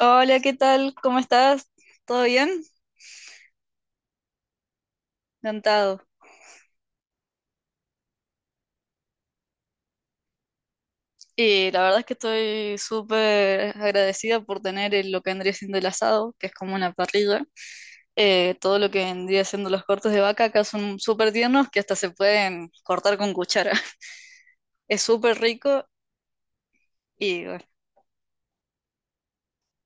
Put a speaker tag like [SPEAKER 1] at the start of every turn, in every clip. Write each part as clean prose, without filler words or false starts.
[SPEAKER 1] Hola, ¿qué tal? ¿Cómo estás? ¿Todo bien? Encantado. Y la verdad es que estoy súper agradecida por tener lo que vendría siendo el asado, que es como una parrilla. Todo lo que vendría siendo los cortes de vaca acá son súper tiernos que hasta se pueden cortar con cuchara. Es súper rico y bueno.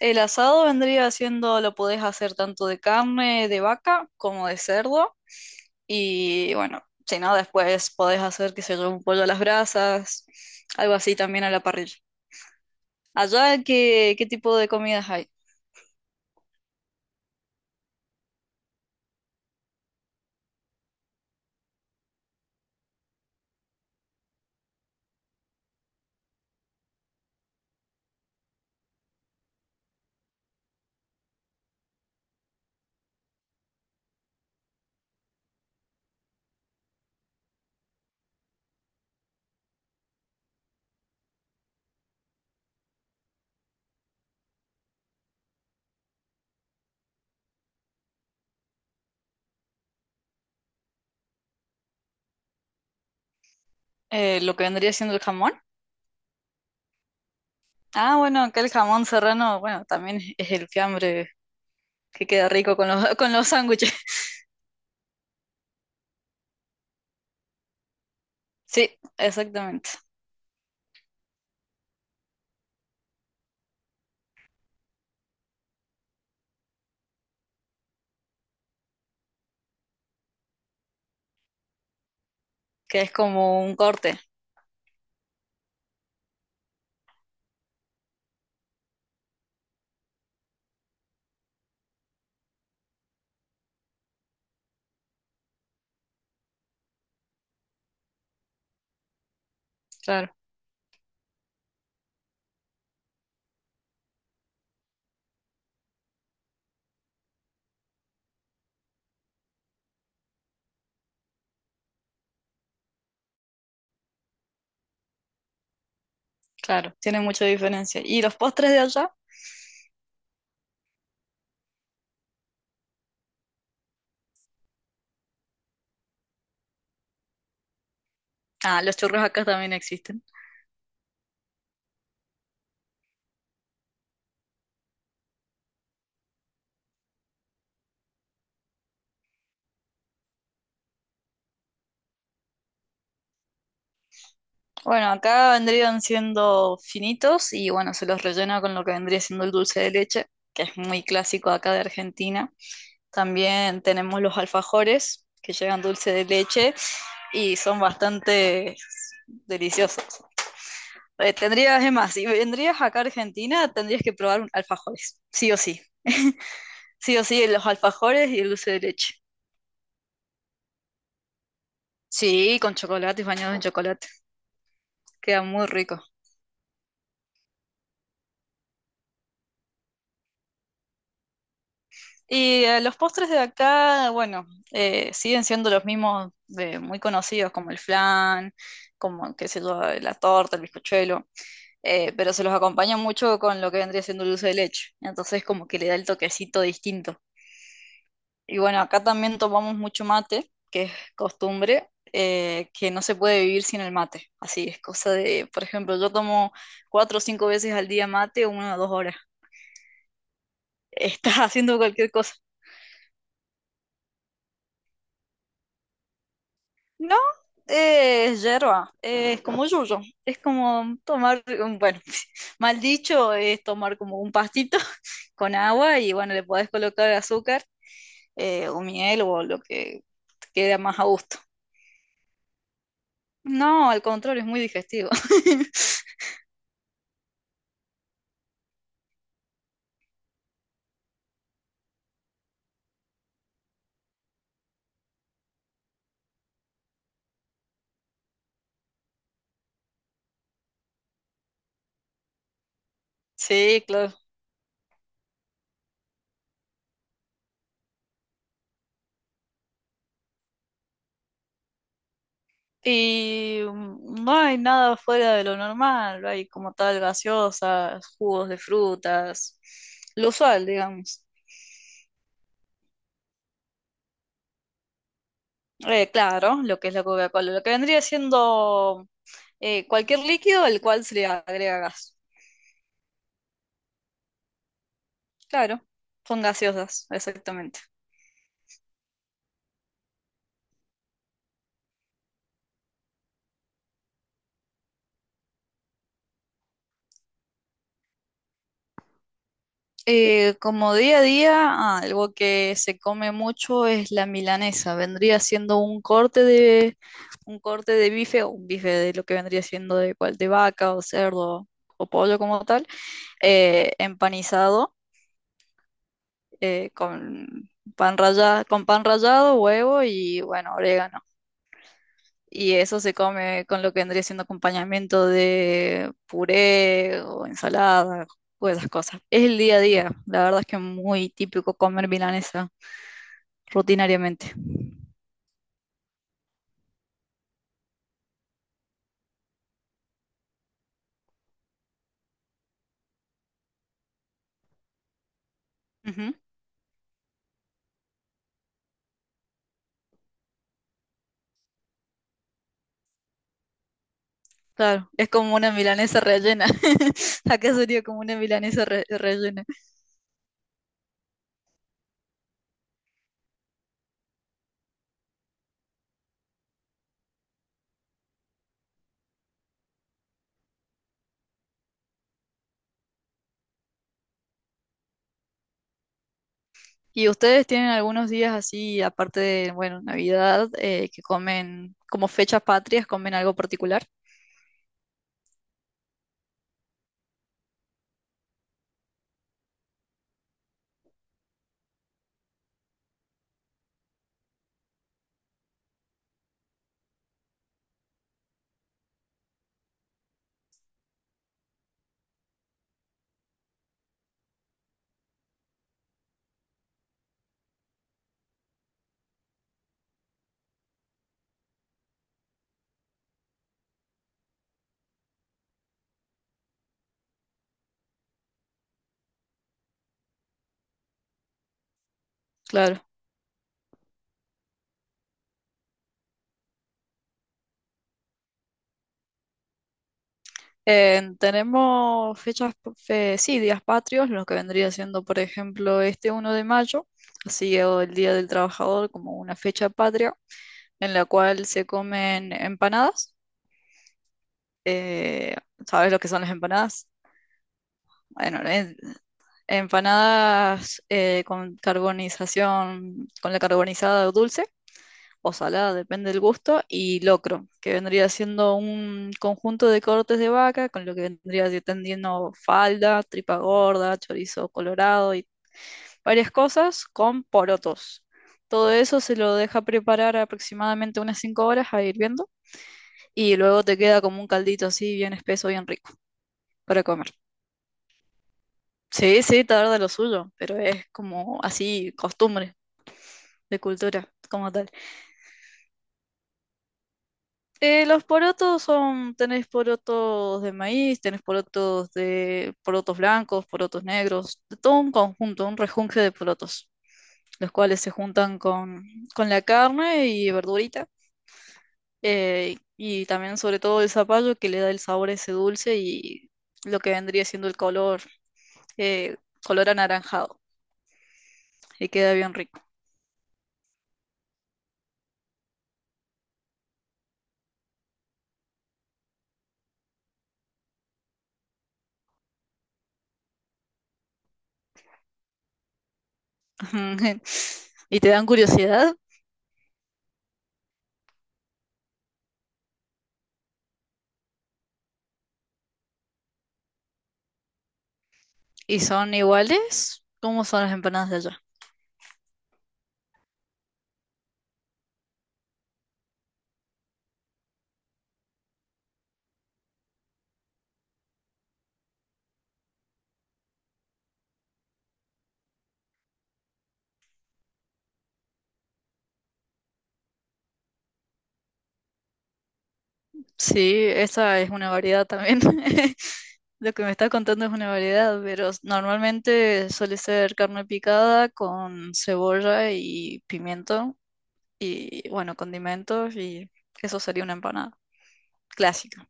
[SPEAKER 1] El asado vendría siendo, lo podés hacer tanto de carne de vaca como de cerdo. Y bueno, si no, después podés hacer, qué sé yo, un pollo a las brasas, algo así también a la parrilla. Allá, ¿qué, qué tipo de comidas hay? Lo que vendría siendo el jamón. Ah, bueno, acá el jamón serrano, bueno, también es el fiambre que queda rico con los, con los sándwiches. Sí, exactamente. Que es como un corte. Claro, claro. Tiene mucha diferencia. ¿Y los postres de allá? Ah, los churros acá también existen. Bueno, acá vendrían siendo finitos y bueno, se los rellena con lo que vendría siendo el dulce de leche, que es muy clásico acá de Argentina. También tenemos los alfajores que llevan dulce de leche y son bastante deliciosos. Tendrías, es más, si vendrías acá a Argentina, tendrías que probar alfajores, sí o sí. Sí o sí, los alfajores y el dulce de leche. Sí, con chocolate y bañados en chocolate. Queda muy rico. Y los postres de acá, bueno, siguen siendo los mismos de- muy conocidos, como el flan, como, qué sé yo, la torta, el bizcochuelo. Eh, pero se los acompaña mucho con lo que vendría siendo el dulce de leche. Entonces como que le da el toquecito distinto. Y bueno, acá también tomamos mucho mate, que es costumbre, que no se puede vivir sin el mate. Así es cosa de, por ejemplo, yo tomo cuatro o cinco veces al día mate, 1 o 2 horas. Estás haciendo cualquier cosa. No, es hierba, es como yuyo, es como tomar, un- bueno, mal dicho, es tomar como un pastito con agua y bueno, le podés colocar azúcar o miel o lo que te quede más a gusto. No, al contrario, es muy digestivo. Sí, claro. Y no hay nada fuera de lo normal, hay como tal gaseosas, jugos de frutas, lo usual, digamos. Claro, lo que es la Coca-Cola, lo que vendría siendo cualquier líquido al cual se le agrega gas. Claro, son gaseosas, exactamente. Como día a día, algo que se come mucho es la milanesa. Vendría siendo un corte de bife o un bife de lo que vendría siendo de cual de vaca o cerdo o pollo como tal, empanizado eh, con con pan rallado, huevo y bueno, orégano. Y eso se come con lo que vendría siendo acompañamiento de puré o ensalada o esas cosas. Es el día a día. La verdad es que es muy típico comer milanesa rutinariamente. Ujú. Claro, es como una milanesa rellena. Acá sería como una milanesa re- rellena. ¿Y ustedes tienen algunos días así, aparte de, bueno, Navidad, que comen como fechas patrias, comen algo particular? Claro. Tenemos sí, días patrios, lo que vendría siendo, por ejemplo, este 1 de mayo, así o el Día del Trabajador como una fecha patria, en la cual se comen empanadas. Eh, ¿Sabes lo que son las empanadas? Bueno, en- Empanadas con carbonización, con la carbonizada dulce o salada, depende del gusto, y locro, que vendría siendo un conjunto de cortes de vaca, con lo que vendría si tendiendo falda, tripa gorda, chorizo colorado y varias cosas con porotos. Todo eso se lo deja preparar aproximadamente unas 5 horas a hirviendo y luego te queda como un caldito así bien espeso, bien rico para comer. Sí, sí, tarda lo suyo, pero es como así costumbre de cultura como tal. Los porotos son, tenés porotos de maíz, tenés porotos de porotos blancos, porotos negros, de todo un conjunto, un rejunje de porotos, los cuales se juntan con la carne y verdurita, y también sobre todo el zapallo que le da el sabor ese dulce y lo que vendría siendo el color, eh, color anaranjado, y queda bien rico. ¿Y te dan curiosidad? ¿Y son iguales? ¿Cómo son las empanadas de allá? Sí, esa es una variedad también. Lo que me está contando es una variedad, pero s- normalmente suele ser carne picada con cebolla y pimiento y, bueno, condimentos y eso sería una empanada clásica.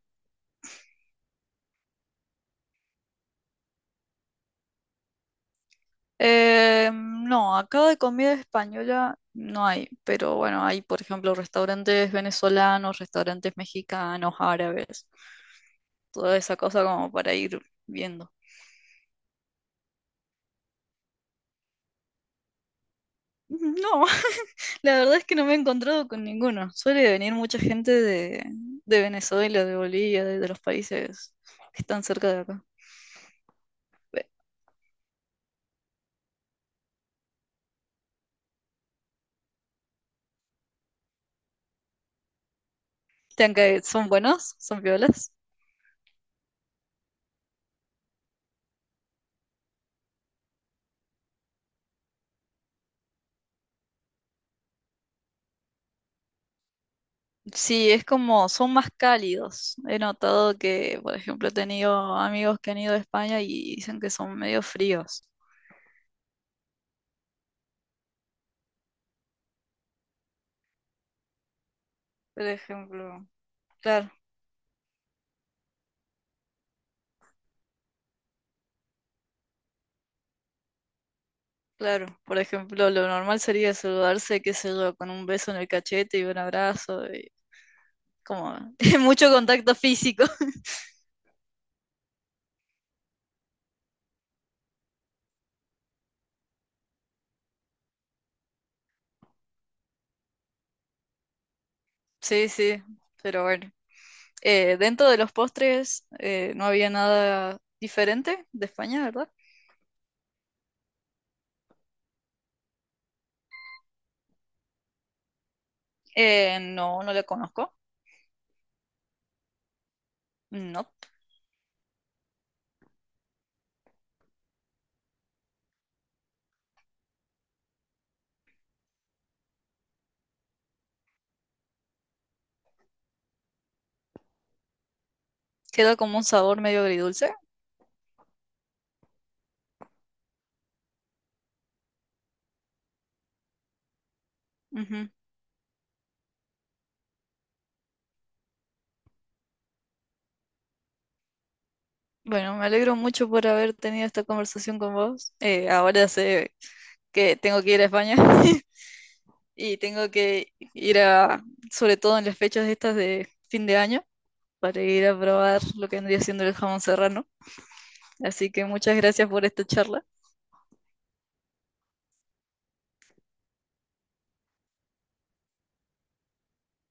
[SPEAKER 1] No, acá de comida española no hay, pero bueno, hay, por ejemplo, restaurantes venezolanos, restaurantes mexicanos, árabes, toda esa cosa como para ir viendo. No, la verdad es que no me he encontrado con ninguno. Suele venir mucha gente de Venezuela, de Bolivia, de los países que están cerca de acá. Ve, ¿Son buenos? ¿Son violas? Sí, es como, son más cálidos. He notado que, por ejemplo, he tenido amigos que han ido a España y dicen que son medio fríos. Por ejemplo, claro, claro. Por ejemplo, lo normal sería saludarse, qué sé yo, con un beso en el cachete y un abrazo, y como mucho contacto físico. Sí, sí, pero bueno. Dentro de los postres no había nada diferente de España, ¿verdad? No, no la conozco. No. Queda como un sabor medio agridulce. Ujú. Bueno, me alegro mucho por haber tenido esta conversación con vos. Ahora sé que tengo que ir a España y tengo que ir a, sobre todo en las fechas estas de fin de año, para ir a probar lo que vendría siendo el jamón serrano. Así que muchas gracias por esta charla.